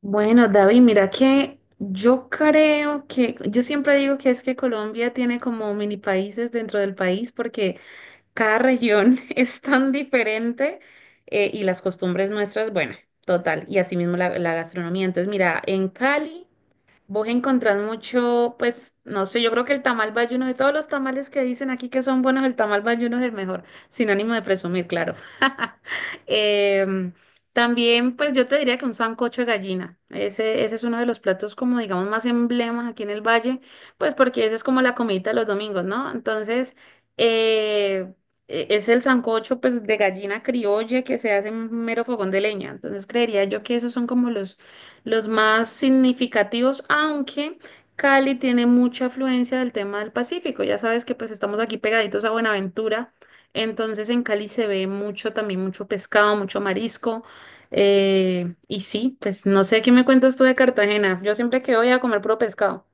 Bueno, David, mira que yo siempre digo que es que Colombia tiene como mini países dentro del país porque cada región es tan diferente y las costumbres nuestras, bueno, total, y asimismo la gastronomía. Entonces, mira, en Cali. Vos encontrás mucho, pues, no sé, yo creo que el tamal bayuno, de todos los tamales que dicen aquí que son buenos, el tamal bayuno es el mejor, sin ánimo de presumir, claro. Em, También, pues, yo te diría que un sancocho de gallina, ese es uno de los platos como, digamos, más emblemas aquí en el valle, pues, porque ese es como la comidita de los domingos, ¿no? Entonces, eh, es el sancocho, pues, de gallina criolla que se hace en un mero fogón de leña, entonces creería yo que esos son como los más significativos, aunque Cali tiene mucha afluencia del tema del Pacífico. Ya sabes que pues estamos aquí pegaditos a Buenaventura, entonces en Cali se ve mucho también, mucho pescado, mucho marisco. Y sí, pues no sé qué me cuentas tú de Cartagena. Yo siempre que voy a comer puro pescado.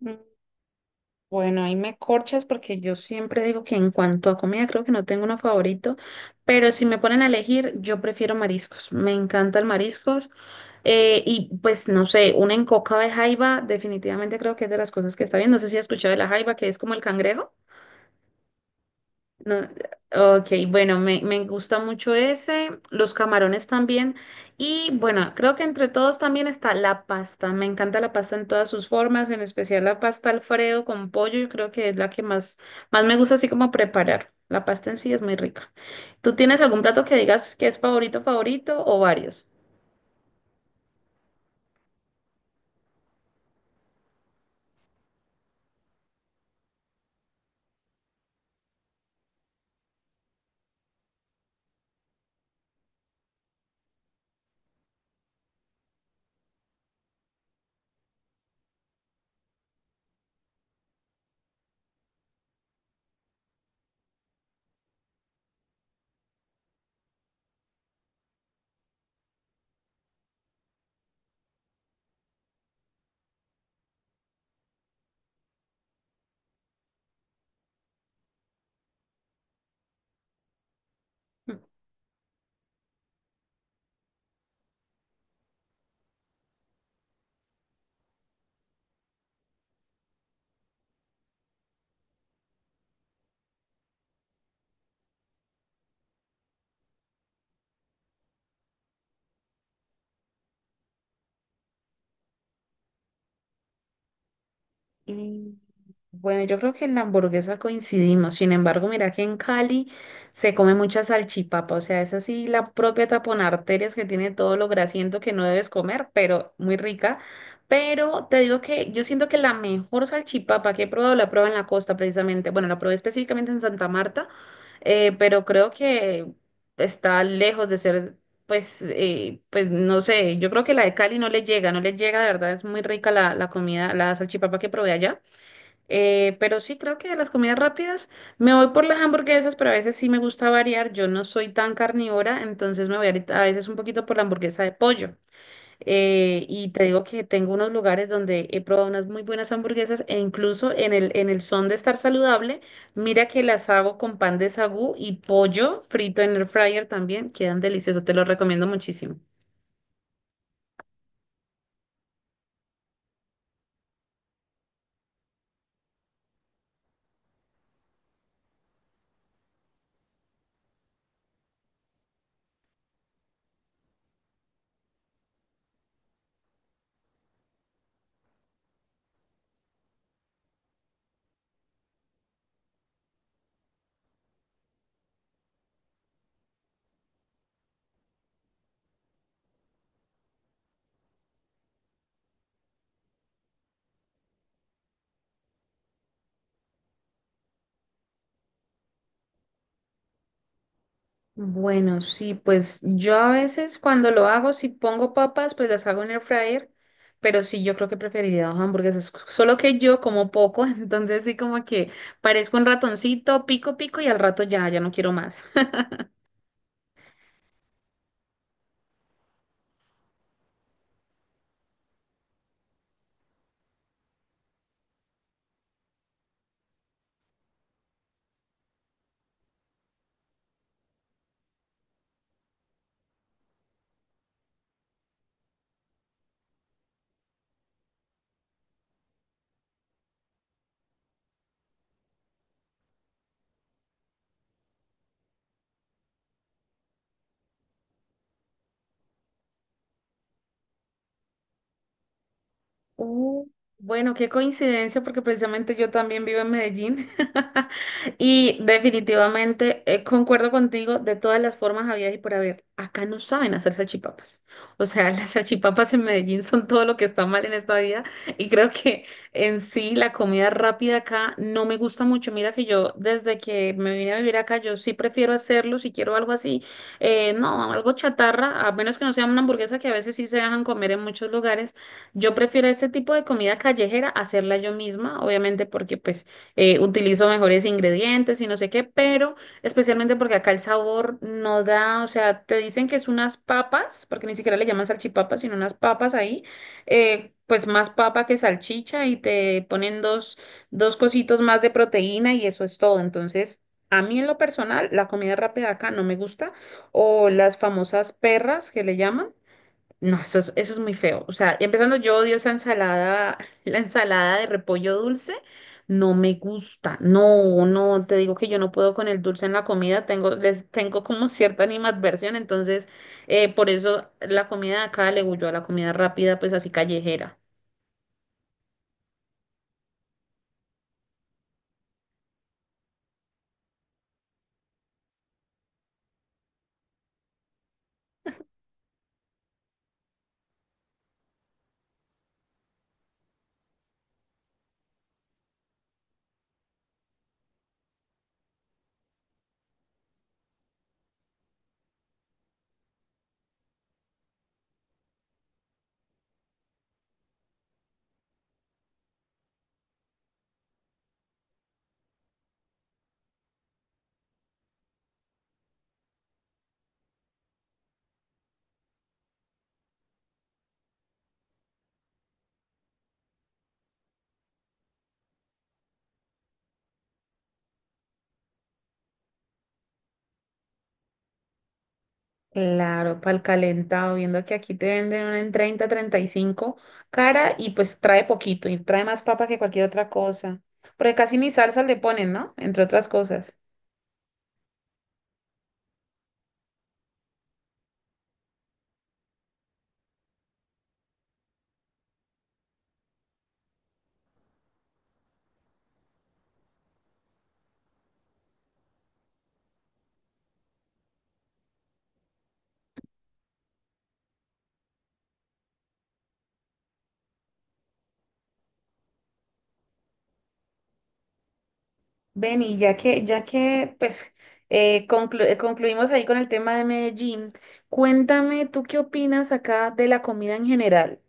Mm, Bueno, ahí me corchas porque yo siempre digo que en cuanto a comida creo que no tengo uno favorito, pero si me ponen a elegir, yo prefiero mariscos. Me encantan mariscos. Y pues no sé, una encoca de jaiba, definitivamente creo que es de las cosas que está bien. No sé si has escuchado de la jaiba, que es como el cangrejo. No, ok, bueno, me gusta mucho ese, los camarones también. Y bueno, creo que entre todos también está la pasta. Me encanta la pasta en todas sus formas, en especial la pasta Alfredo con pollo. Yo creo que es la que más me gusta así como preparar. La pasta en sí es muy rica. ¿Tú tienes algún plato que digas que es favorito, favorito o varios? Mm, Bueno, yo creo que en la hamburguesa coincidimos. Sin embargo, mira que en Cali se come mucha salchipapa. O sea, es así la propia tapón arterias que tiene todo lo grasiento que no debes comer, pero muy rica. Pero te digo que yo siento que la mejor salchipapa que he probado la probé en la costa precisamente. Bueno, la probé específicamente en Santa Marta, pero creo que está lejos de ser pues, pues no sé, yo creo que la de Cali no le llega, no le llega, de verdad es muy rica la comida, la salchipapa que probé allá. Pero sí creo que de las comidas rápidas me voy por las hamburguesas, pero a veces sí me gusta variar. Yo no soy tan carnívora, entonces a veces un poquito por la hamburguesa de pollo. Y te digo que tengo unos lugares donde he probado unas muy buenas hamburguesas e incluso en el son de estar saludable, mira que las hago con pan de sagú y pollo frito en el fryer también, quedan deliciosos, te lo recomiendo muchísimo. Bueno, sí, pues yo a veces cuando lo hago, si pongo papas, pues las hago en el fryer, pero sí, yo creo que preferiría dos hamburguesas, solo que yo como poco, entonces sí como que parezco un ratoncito, pico, pico y al rato ya, ya no quiero más. Uh, Bueno, qué coincidencia, porque precisamente yo también vivo en Medellín y definitivamente concuerdo contigo, de todas las formas había y por haber. Acá no saben hacer salchipapas. O sea, las salchipapas en Medellín son todo lo que está mal en esta vida y creo que en sí la comida rápida acá no me gusta mucho. Mira que yo desde que me vine a vivir acá, yo sí prefiero hacerlo si quiero algo así. No, algo chatarra, a menos que no sea una hamburguesa que a veces sí se dejan comer en muchos lugares, yo prefiero ese tipo de comida callejera hacerla yo misma, obviamente porque pues utilizo mejores ingredientes y no sé qué, pero especialmente porque acá el sabor no da, o sea, te dicen que es unas papas, porque ni siquiera le llaman salchipapas, sino unas papas ahí, pues más papa que salchicha y te ponen dos, cositos más de proteína y eso es todo. Entonces, a mí en lo personal, la comida rápida acá no me gusta, o las famosas perras que le llaman. No, eso es muy feo. O sea, empezando, yo odio esa ensalada, la ensalada de repollo dulce. No me gusta. No, no, te digo que yo no puedo con el dulce en la comida. Les tengo como cierta animadversión. Entonces, por eso la comida de acá le huyó a la comida rápida, pues así callejera. Claro, para el calentado, viendo que aquí te venden una en 30, 35, cara y pues trae poquito y trae más papa que cualquier otra cosa. Porque casi ni salsa le ponen, ¿no? Entre otras cosas. Benny, ya que pues concluimos ahí con el tema de Medellín, cuéntame tú qué opinas acá de la comida en general.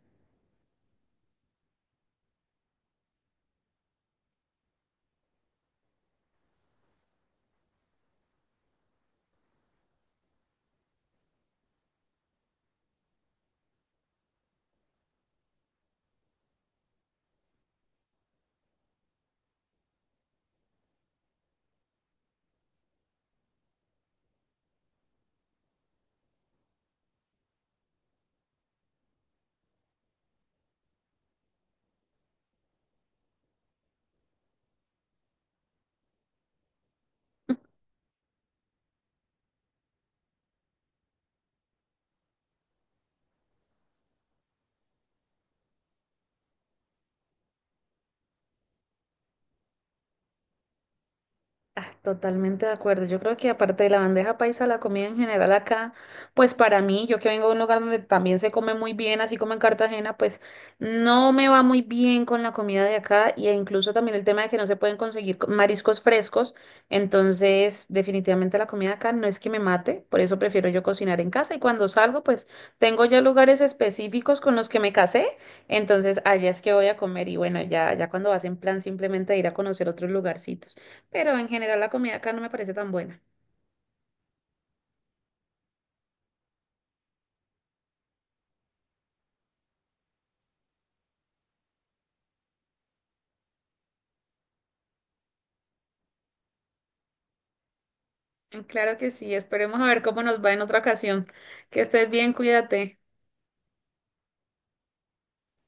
Ah, totalmente de acuerdo. Yo creo que aparte de la bandeja paisa, la comida en general acá, pues para mí, yo que vengo de un lugar donde también se come muy bien, así como en Cartagena, pues no me va muy bien con la comida de acá e incluso también el tema de que no se pueden conseguir mariscos frescos. Entonces, definitivamente la comida acá no es que me mate, por eso prefiero yo cocinar en casa y cuando salgo, pues tengo ya lugares específicos con los que me casé, entonces allá es que voy a comer y bueno, ya, ya cuando vas en plan simplemente de ir a conocer otros lugarcitos, pero en general la comida acá no me parece tan buena. Claro que sí, esperemos a ver cómo nos va en otra ocasión. Que estés bien, cuídate.